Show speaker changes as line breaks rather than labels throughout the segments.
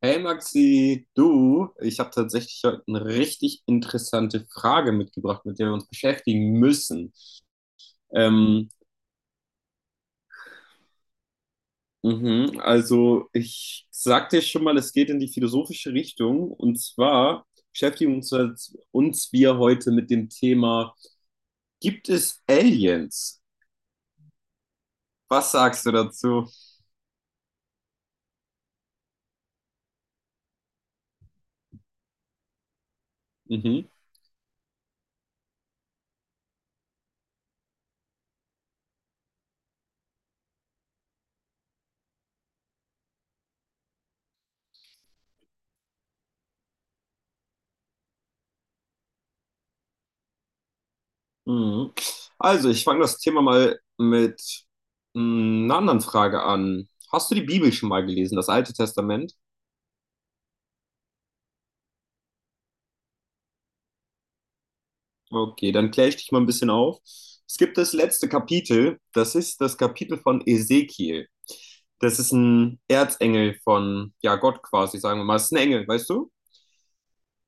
Hey Maxi, du, ich habe tatsächlich heute eine richtig interessante Frage mitgebracht, mit der wir uns beschäftigen müssen. Ähm, mhm, also ich sagte dir schon mal, es geht in die philosophische Richtung, und zwar beschäftigen uns wir heute mit dem Thema, gibt es Aliens? Was sagst du dazu? Mhm, mhm. Also ich fange das Thema mal mit einer anderen Frage an. Hast du die Bibel schon mal gelesen, das Alte Testament? Okay, dann kläre ich dich mal ein bisschen auf. Es gibt das letzte Kapitel, das ist das Kapitel von Ezekiel. Das ist ein Erzengel von, ja, Gott quasi, sagen wir mal. Das ist ein Engel, weißt du?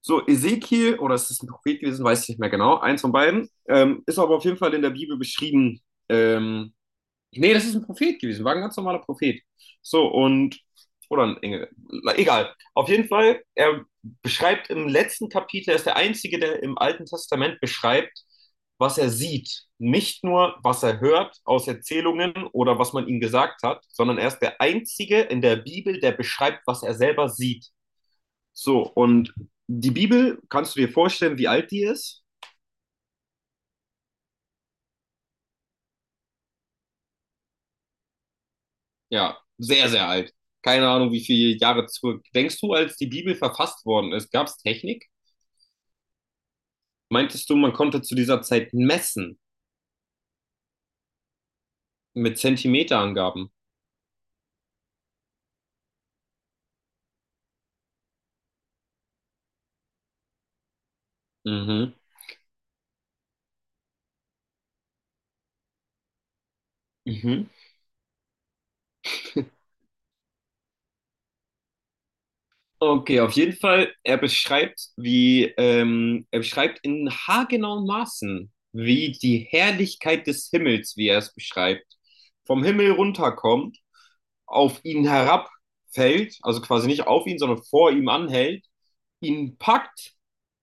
So, Ezekiel, oder ist es ist ein Prophet gewesen, weiß ich nicht mehr genau, eins von beiden, ist aber auf jeden Fall in der Bibel beschrieben. Ähm, Nee, das ist ein Prophet gewesen, war ein ganz normaler Prophet. So, und, oder ein Engel, na, egal. Auf jeden Fall, er beschreibt im letzten Kapitel, er ist der Einzige, der im Alten Testament beschreibt, was er sieht. Nicht nur, was er hört aus Erzählungen oder was man ihm gesagt hat, sondern er ist der Einzige in der Bibel, der beschreibt, was er selber sieht. So, und die Bibel, kannst du dir vorstellen, wie alt die ist? Ja, sehr, sehr alt. Keine Ahnung, wie viele Jahre zurück. Denkst du, als die Bibel verfasst worden ist, gab es Technik? Meintest du, man konnte zu dieser Zeit messen mit Zentimeterangaben? Mhm. Mhm. Okay, auf jeden Fall, er beschreibt, wie, er beschreibt in haargenauen Maßen, wie die Herrlichkeit des Himmels, wie er es beschreibt, vom Himmel runterkommt, auf ihn herabfällt, also quasi nicht auf ihn, sondern vor ihm anhält, ihn packt,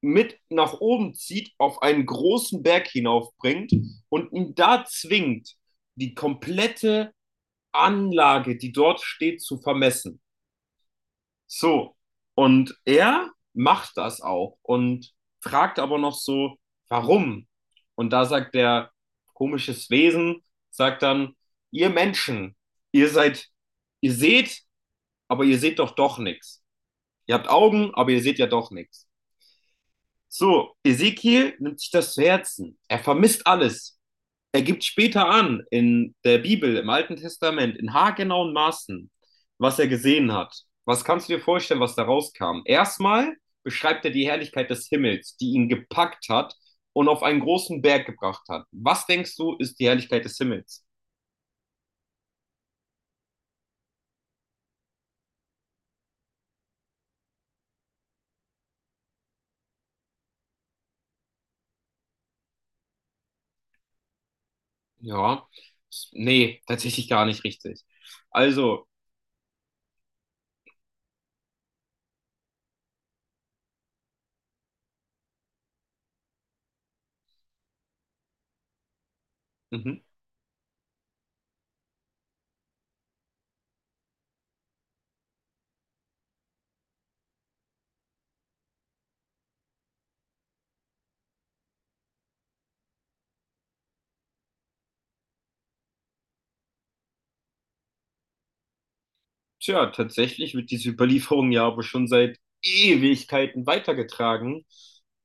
mit nach oben zieht, auf einen großen Berg hinaufbringt und ihn da zwingt, die komplette Anlage, die dort steht, zu vermessen. So, und er macht das auch und fragt aber noch so, warum? Und da sagt der komisches Wesen, sagt dann, ihr Menschen, ihr seid, ihr seht, aber ihr seht doch nichts. Ihr habt Augen, aber ihr seht ja doch nichts. So, Ezekiel nimmt sich das zu Herzen. Er vermisst alles. Er gibt später an, in der Bibel, im Alten Testament, in haargenauen Maßen, was er gesehen hat. Was kannst du dir vorstellen, was da rauskam? Erstmal beschreibt er die Herrlichkeit des Himmels, die ihn gepackt hat und auf einen großen Berg gebracht hat. Was denkst du, ist die Herrlichkeit des Himmels? Ja, nee, tatsächlich gar nicht richtig. Also, mhm. Tja, tatsächlich wird diese Überlieferung ja aber schon seit Ewigkeiten weitergetragen.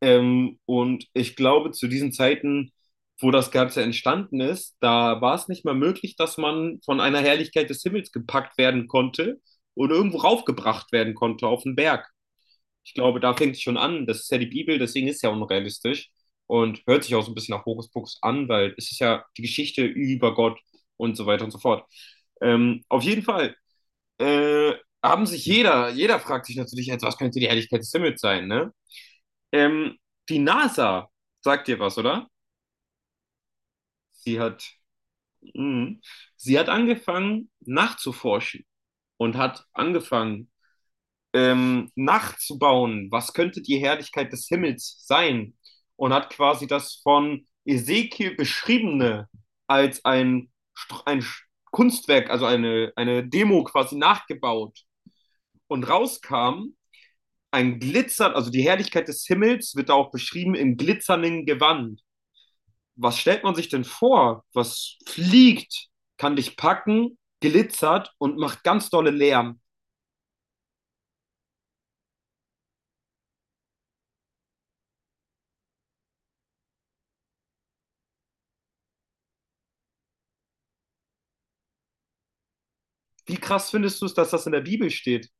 Und ich glaube, zu diesen Zeiten, wo das Ganze entstanden ist, da war es nicht mal möglich, dass man von einer Herrlichkeit des Himmels gepackt werden konnte und irgendwo raufgebracht werden konnte auf den Berg. Ich glaube, da fängt es schon an. Das ist ja die Bibel, deswegen ist es ja unrealistisch und hört sich auch so ein bisschen nach Hokuspokus an, weil es ist ja die Geschichte über Gott und so weiter und so fort. Auf jeden Fall äh, jeder fragt sich natürlich jetzt, was könnte die Helligkeit des Himmels sein, ne? Ähm, Die NASA sagt dir was, oder? Sie hat, mh, sie hat angefangen nachzuforschen und hat angefangen, nachzubauen, was könnte die Herrlichkeit des Himmels sein, und hat quasi das von Ezekiel beschriebene als ein Kunstwerk, also eine Demo quasi nachgebaut, und rauskam ein Glitzer, also die Herrlichkeit des Himmels wird da auch beschrieben im glitzernden Gewand. Was stellt man sich denn vor? Was fliegt, kann dich packen, glitzert und macht ganz dolle Lärm. Wie krass findest du es, dass das in der Bibel steht?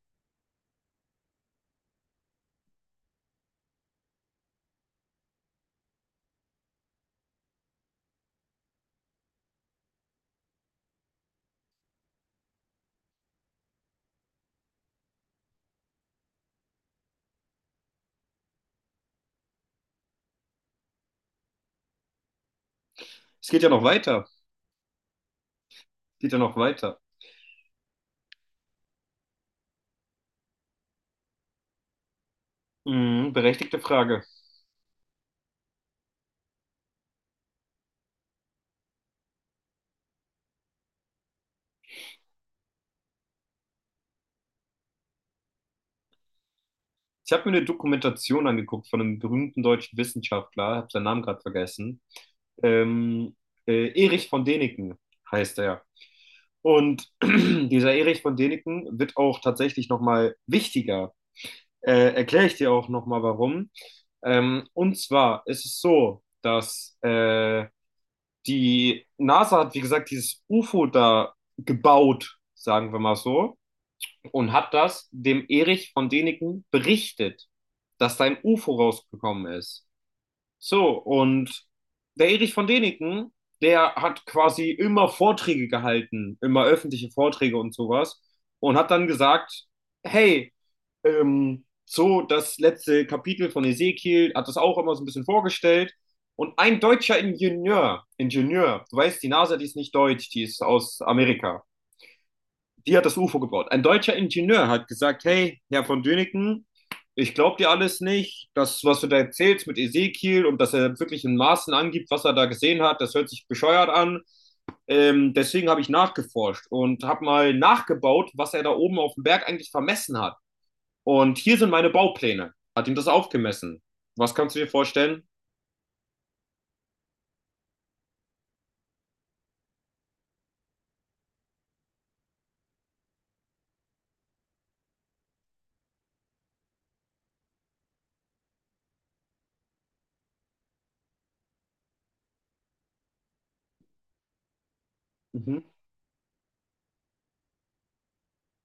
Es geht ja noch weiter. Geht ja noch weiter. Mhm, berechtigte Frage. Ich habe mir eine Dokumentation angeguckt von einem berühmten deutschen Wissenschaftler, habe seinen Namen gerade vergessen. Ähm, Erich von Däniken heißt er. Und dieser Erich von Däniken wird auch tatsächlich nochmal wichtiger. Erkläre ich dir auch nochmal warum. Und zwar ist es so, dass die NASA, hat, wie gesagt, dieses UFO da gebaut sagen wir mal so, und hat das dem Erich von Däniken berichtet, dass da ein UFO rausgekommen ist. So, und der Erich von Däniken, der hat quasi immer Vorträge gehalten, immer öffentliche Vorträge und sowas, und hat dann gesagt, hey, so, das letzte Kapitel von Ezekiel hat das auch immer so ein bisschen vorgestellt. Und ein deutscher Ingenieur, du weißt, die NASA, die ist nicht deutsch, die ist aus Amerika, die hat das UFO gebaut. Ein deutscher Ingenieur hat gesagt, hey, Herr von Döniken, ich glaube dir alles nicht. Das, was du da erzählst mit Ezekiel und dass er wirklich in Maßen angibt, was er da gesehen hat, das hört sich bescheuert an. Deswegen habe ich nachgeforscht und habe mal nachgebaut, was er da oben auf dem Berg eigentlich vermessen hat. Und hier sind meine Baupläne. Hat ihm das aufgemessen. Was kannst du dir vorstellen? Mhm.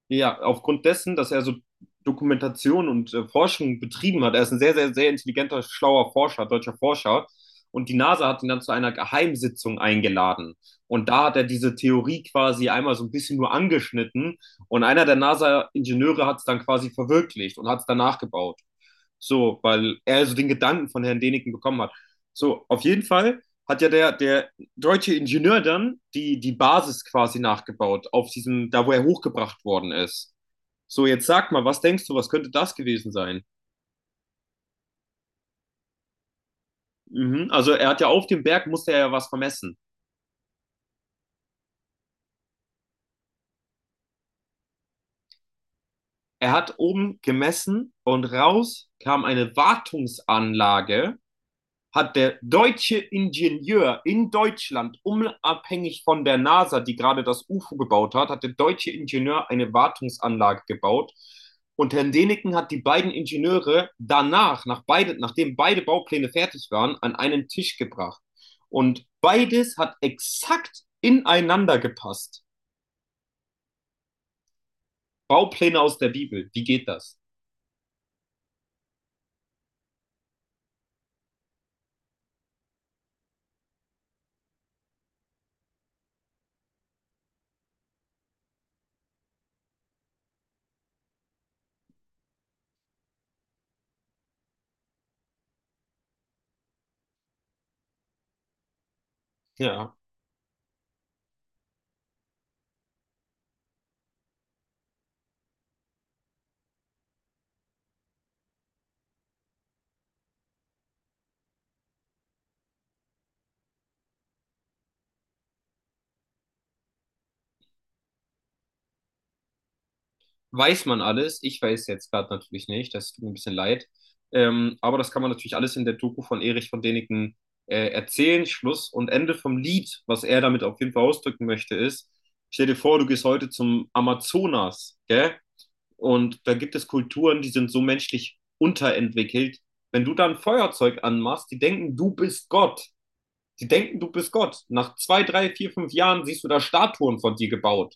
Ja, aufgrund dessen, dass er so Dokumentation und Forschung betrieben hat. Er ist ein sehr, sehr, sehr intelligenter, schlauer Forscher, deutscher Forscher. Und die NASA hat ihn dann zu einer Geheimsitzung eingeladen. Und da hat er diese Theorie quasi einmal so ein bisschen nur angeschnitten. Und einer der NASA-Ingenieure hat es dann quasi verwirklicht und hat es danach gebaut. So, weil er so den Gedanken von Herrn Däniken bekommen hat. So, auf jeden Fall hat ja der deutsche Ingenieur dann die Basis quasi nachgebaut, auf diesem, da wo er hochgebracht worden ist. So, jetzt sag mal, was denkst du, was könnte das gewesen sein? Mhm. Also, er hat ja auf dem Berg, musste er ja was vermessen. Er hat oben gemessen und raus kam eine Wartungsanlage. Hat der deutsche Ingenieur in Deutschland, unabhängig von der NASA, die gerade das UFO gebaut hat, hat der deutsche Ingenieur eine Wartungsanlage gebaut. Und Herrn Deneken hat die beiden Ingenieure danach, nachdem beide Baupläne fertig waren, an einen Tisch gebracht. Und beides hat exakt ineinander gepasst. Baupläne aus der Bibel. Wie geht das? Ja. Weiß man alles. Ich weiß jetzt gerade natürlich nicht, das tut mir ein bisschen leid. Aber das kann man natürlich alles in der Doku von Erich von Däniken erzählen. Schluss und Ende vom Lied, was er damit auf jeden Fall ausdrücken möchte, ist, stell dir vor, du gehst heute zum Amazonas, gell? Und da gibt es Kulturen, die sind so menschlich unterentwickelt. Wenn du da ein Feuerzeug anmachst, die denken, du bist Gott. Die denken, du bist Gott. Nach zwei, drei, vier, fünf Jahren siehst du da Statuen von dir gebaut.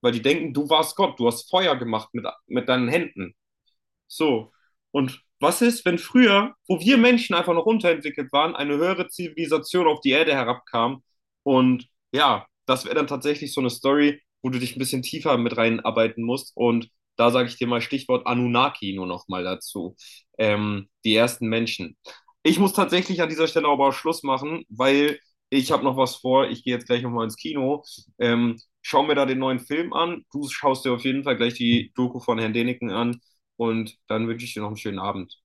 Weil die denken, du warst Gott, du hast Feuer gemacht mit deinen Händen. So. Und was ist, wenn früher, wo wir Menschen einfach noch unterentwickelt waren, eine höhere Zivilisation auf die Erde herabkam? Und ja, das wäre dann tatsächlich so eine Story, wo du dich ein bisschen tiefer mit reinarbeiten musst. Und da sage ich dir mal Stichwort Anunnaki nur noch mal dazu. Die ersten Menschen. Ich muss tatsächlich an dieser Stelle aber auch Schluss machen, weil ich habe noch was vor. Ich gehe jetzt gleich nochmal ins Kino. Schau mir da den neuen Film an. Du schaust dir auf jeden Fall gleich die Doku von Herrn Deniken an. Und dann wünsche ich dir noch einen schönen Abend.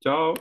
Ciao.